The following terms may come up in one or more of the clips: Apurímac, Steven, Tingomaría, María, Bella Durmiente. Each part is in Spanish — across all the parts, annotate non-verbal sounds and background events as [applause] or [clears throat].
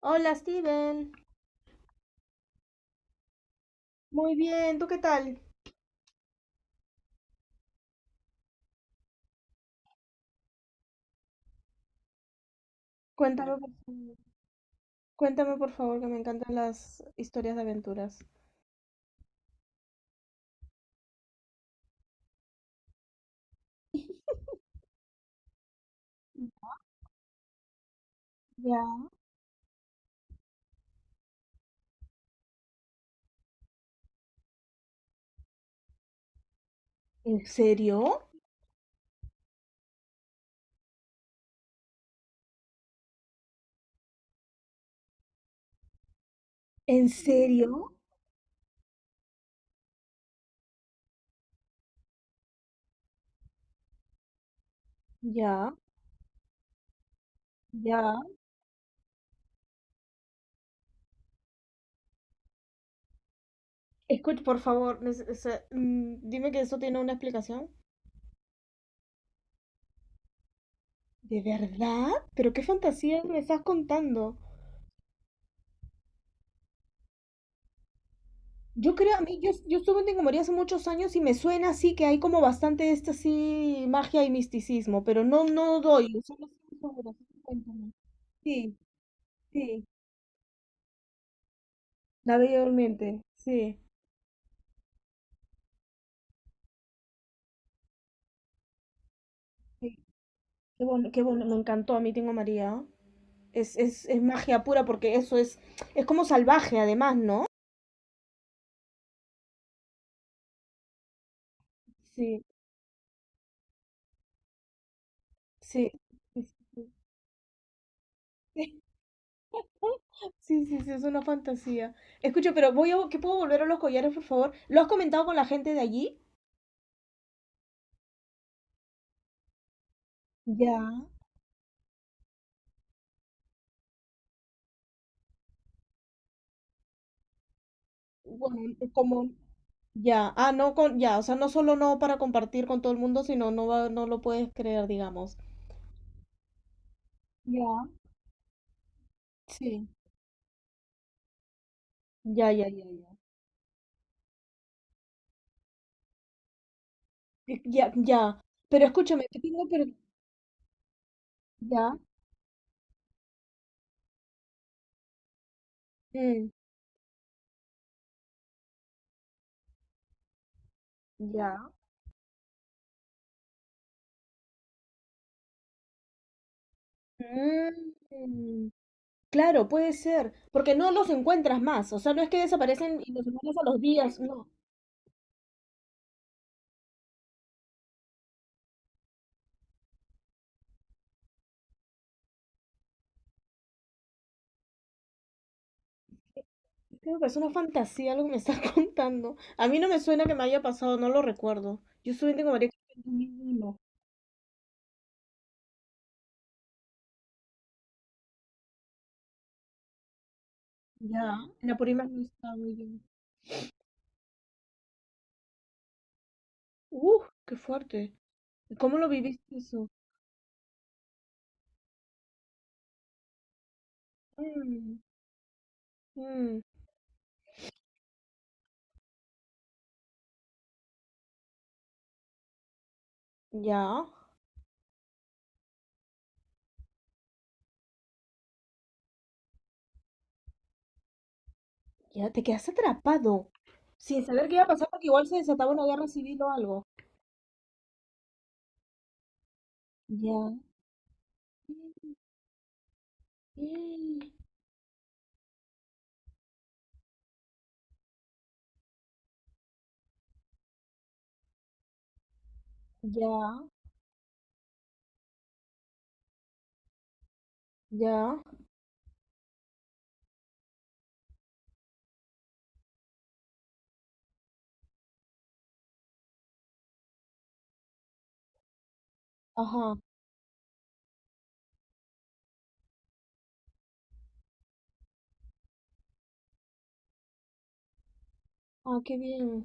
Hola, Steven. Muy bien, ¿tú qué tal? Cuéntame, por favor. Cuéntame, por favor, que me encantan las historias de aventuras. Ya. ¿En serio? ¿En serio? Ya, ya. Escucha, por favor, o sea, dime que eso tiene una explicación. ¿De verdad? ¿Pero qué fantasía me estás contando? Yo creo, a mí, yo estuve en Tingomaría hace muchos años y me suena así que hay como bastante esta así magia y misticismo, pero no, no doy. Solo estoy segura, así que cuéntame. Sí. Sí, la Bella Durmiente, sí. Sí. Qué bueno, me encantó a mí Tengo a María. Es magia pura porque eso es como salvaje además, ¿no? Sí, sí. Sí, sí, sí. [laughs] Sí, sí, sí, es una fantasía. Escucho, pero ¿qué puedo volver a los collares, por favor? ¿Lo has comentado con la gente de allí? Ya, bueno, como ya, no con, ya, o sea, no solo no para compartir con todo el mundo, sino no va, no lo puedes creer, digamos. Ya, sí. Ya, ya, ya, ya. Ya, ya. Pero escúchame, que tengo pero ya. Mm, ya. Mm, claro, puede ser, porque no los encuentras más, o sea, no es que desaparecen y los encuentras a los días, no. Creo que es una fantasía lo que me estás [laughs] contando. A mí no me suena que me haya pasado, no lo recuerdo. Yo solamente como María en 2001. Ya, en Apurímac no estaba yo bien. Uf, qué fuerte. ¿Cómo lo viviste eso? Mm, mm, ya. Ya te quedaste atrapado. Sin saber qué iba a pasar porque igual se desataba una guerra civil o algo. Ya. Mm, ya, ya, ajá, ah, qué bien,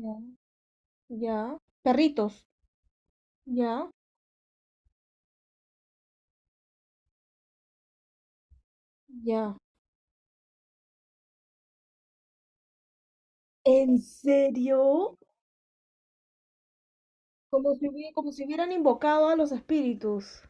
ya. Ya, perritos, ya, ya. ¿En serio? Como si hubieran invocado a los espíritus.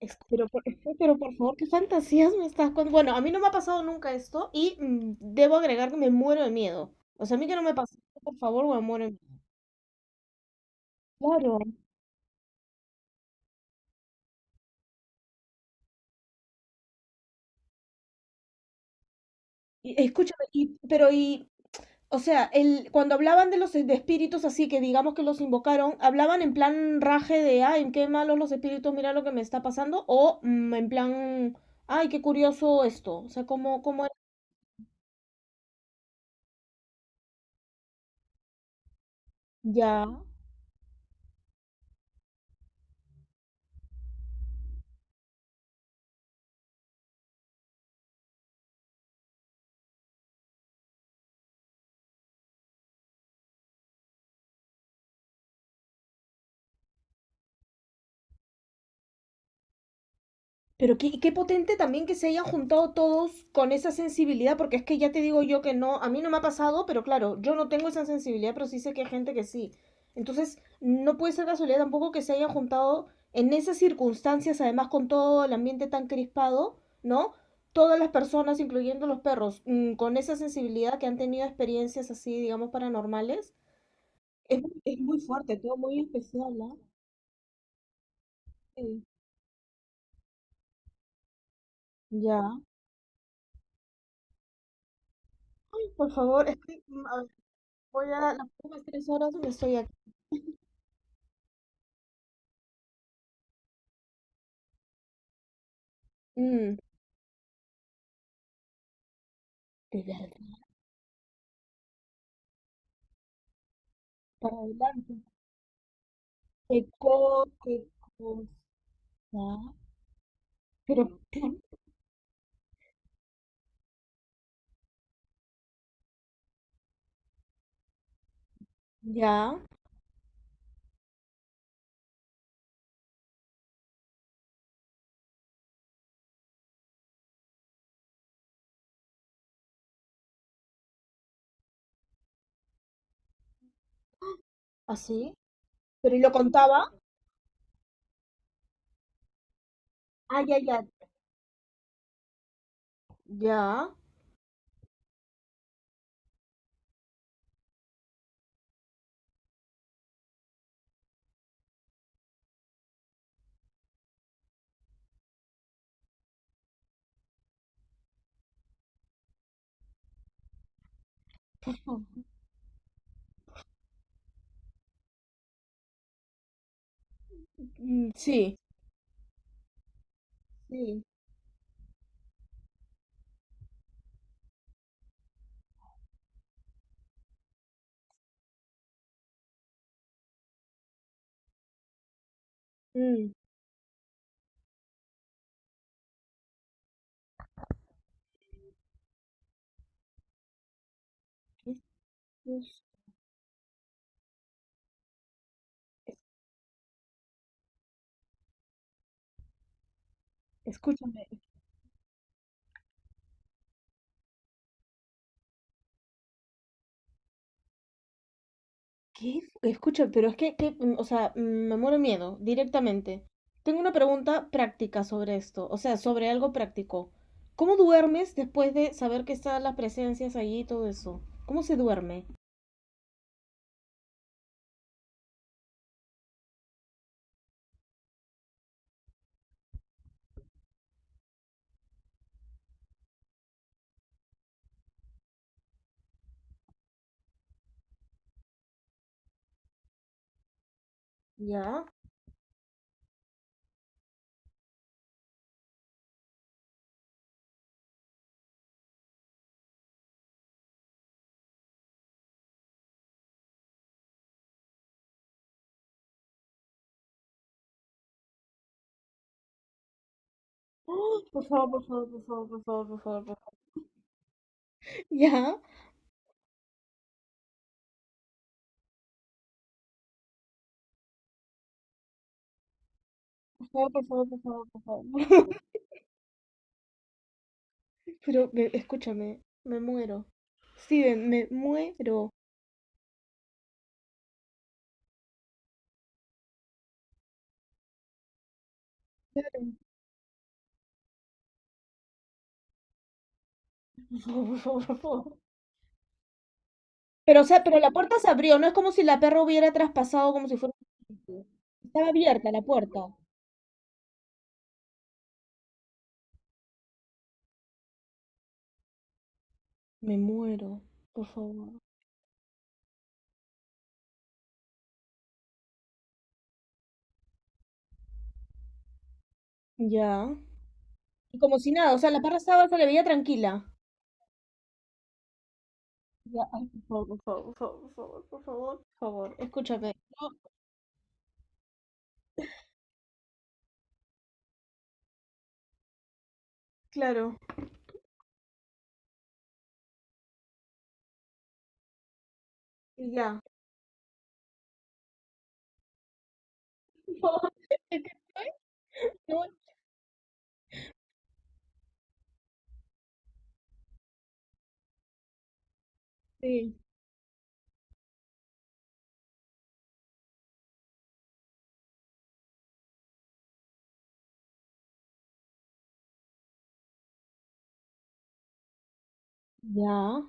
Es- Pero por, [laughs] pero por favor, qué fantasías me estás contando. Bueno, a mí no me ha pasado nunca esto y debo agregar que me muero de miedo. O sea, a mí que no me pasa, por favor, me muero de miedo. Claro. Y, escúchame, o sea, cuando hablaban de los de espíritus así que digamos que los invocaron, ¿hablaban en plan raje de, ay, qué malos los espíritus, mira lo que me está pasando? O en plan, ay, qué curioso esto. O sea, ¿cómo era? Ya. Pero qué potente también que se hayan juntado todos con esa sensibilidad, porque es que ya te digo yo que no, a mí no me ha pasado, pero claro, yo no tengo esa sensibilidad, pero sí sé que hay gente que sí. Entonces, no puede ser casualidad tampoco que se hayan juntado en esas circunstancias, además con todo el ambiente tan crispado, ¿no? Todas las personas, incluyendo los perros, con esa sensibilidad que han tenido experiencias así, digamos, paranormales. Es muy fuerte, todo muy especial, ¿no? Sí. Ya. Ay, por favor, es que, a. Voy a las próximas tres horas que estoy aquí. Mm, de verdad, para adelante. Qué cosa? Pero, [clears throat] ¿qué? Ya, así. Pero y lo contaba. Ah, ya, ya. Ya. Mm, sí. Sí. Mm, es- es- es- Escúchame. ¿Qué? Escucha, pero es que, o sea, me muero de miedo directamente. Tengo una pregunta práctica sobre esto, o sea, sobre algo práctico. ¿Cómo duermes después de saber que están las presencias allí y todo eso? ¿Cómo se duerme? ¿Ya? ¡Oh! Por favor, por favor, por favor, por favor, por favor, por favor. [laughs] ¿Ya? Por favor, por favor, por favor. Por favor. [laughs] Escúchame, me muero. Steven, me muero. Claro. Por favor, por favor, por favor. Pero, o sea, pero la puerta se abrió, no es como si la perra hubiera traspasado como si fuera un. Estaba abierta la puerta. Me muero, por favor. Ya. Y como si nada, o sea, la perra estaba, se le veía tranquila. Ya, ay, por favor, por favor, por favor, por favor, por favor, escúchame. No, claro, ya. [laughs] Por favor, es que estoy- no, sí. Ya.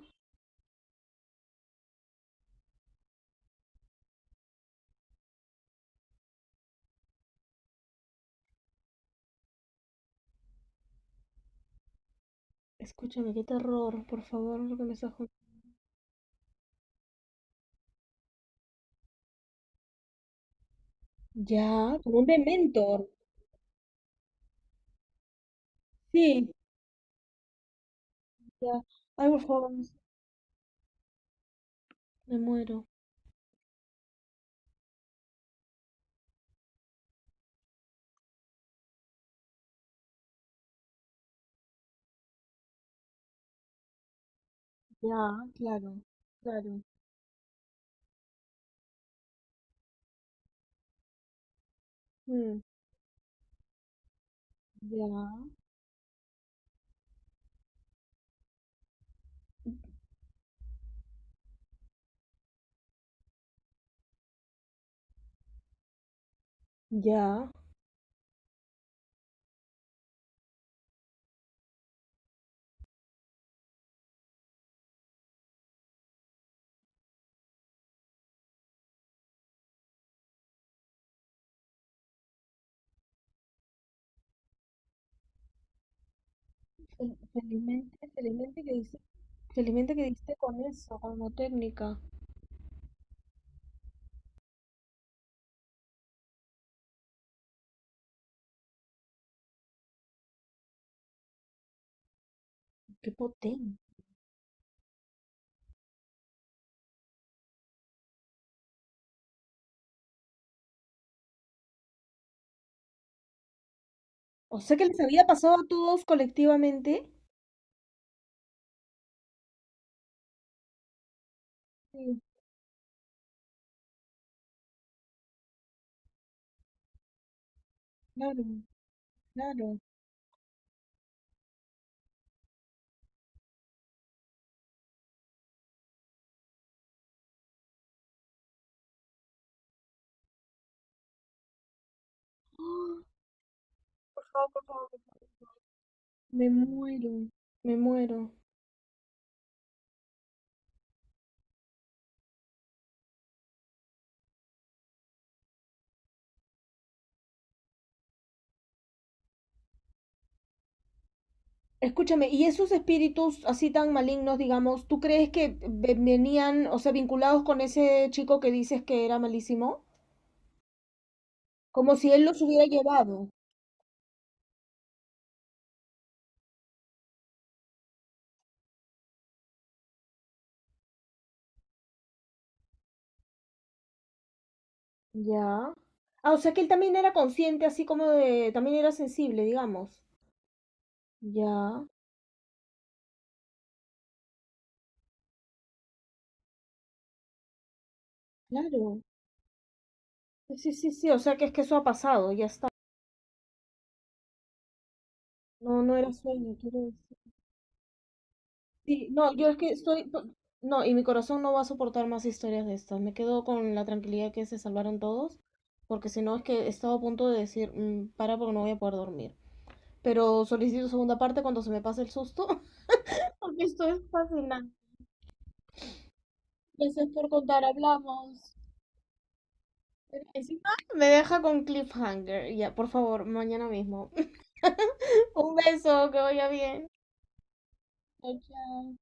Escúchame, qué terror, por favor, lo que me estás contando. Ya, como un dementor. Sí, ya. Ay, por favor, me muero. Ya, claro, claro, mm, ya. Ya. Felizmente, felizmente que diste con eso, como técnica. Qué potente. O sea que les había pasado a todos colectivamente. Sí, claro, claro. ¡Ah! Por favor, por favor, por favor. Me muero. Me muero. Escúchame, ¿y esos espíritus así tan malignos, digamos, tú crees que venían, o sea, vinculados con ese chico que dices que era malísimo? Como si él los hubiera llevado. Ya. Ah, o sea que él también era consciente, así como de, también era sensible, digamos. Ya, claro. Sí, sí, sí, sí, o sea que es que eso ha pasado, ya está. No, no era sueño, quiero decir. Sí, no, yo es que estoy, no, y mi corazón no va a soportar más historias de estas. Me quedo con la tranquilidad que se salvaron todos, porque si no es que he estado a punto de decir, "Mm, para porque no voy a poder dormir." Pero solicito segunda parte cuando se me pase el susto, [laughs] porque esto es fascinante. Gracias por contar, hablamos. Encima me deja con cliffhanger. Ya, por favor, mañana mismo. [laughs] Un beso, que vaya bien. Chao, chao.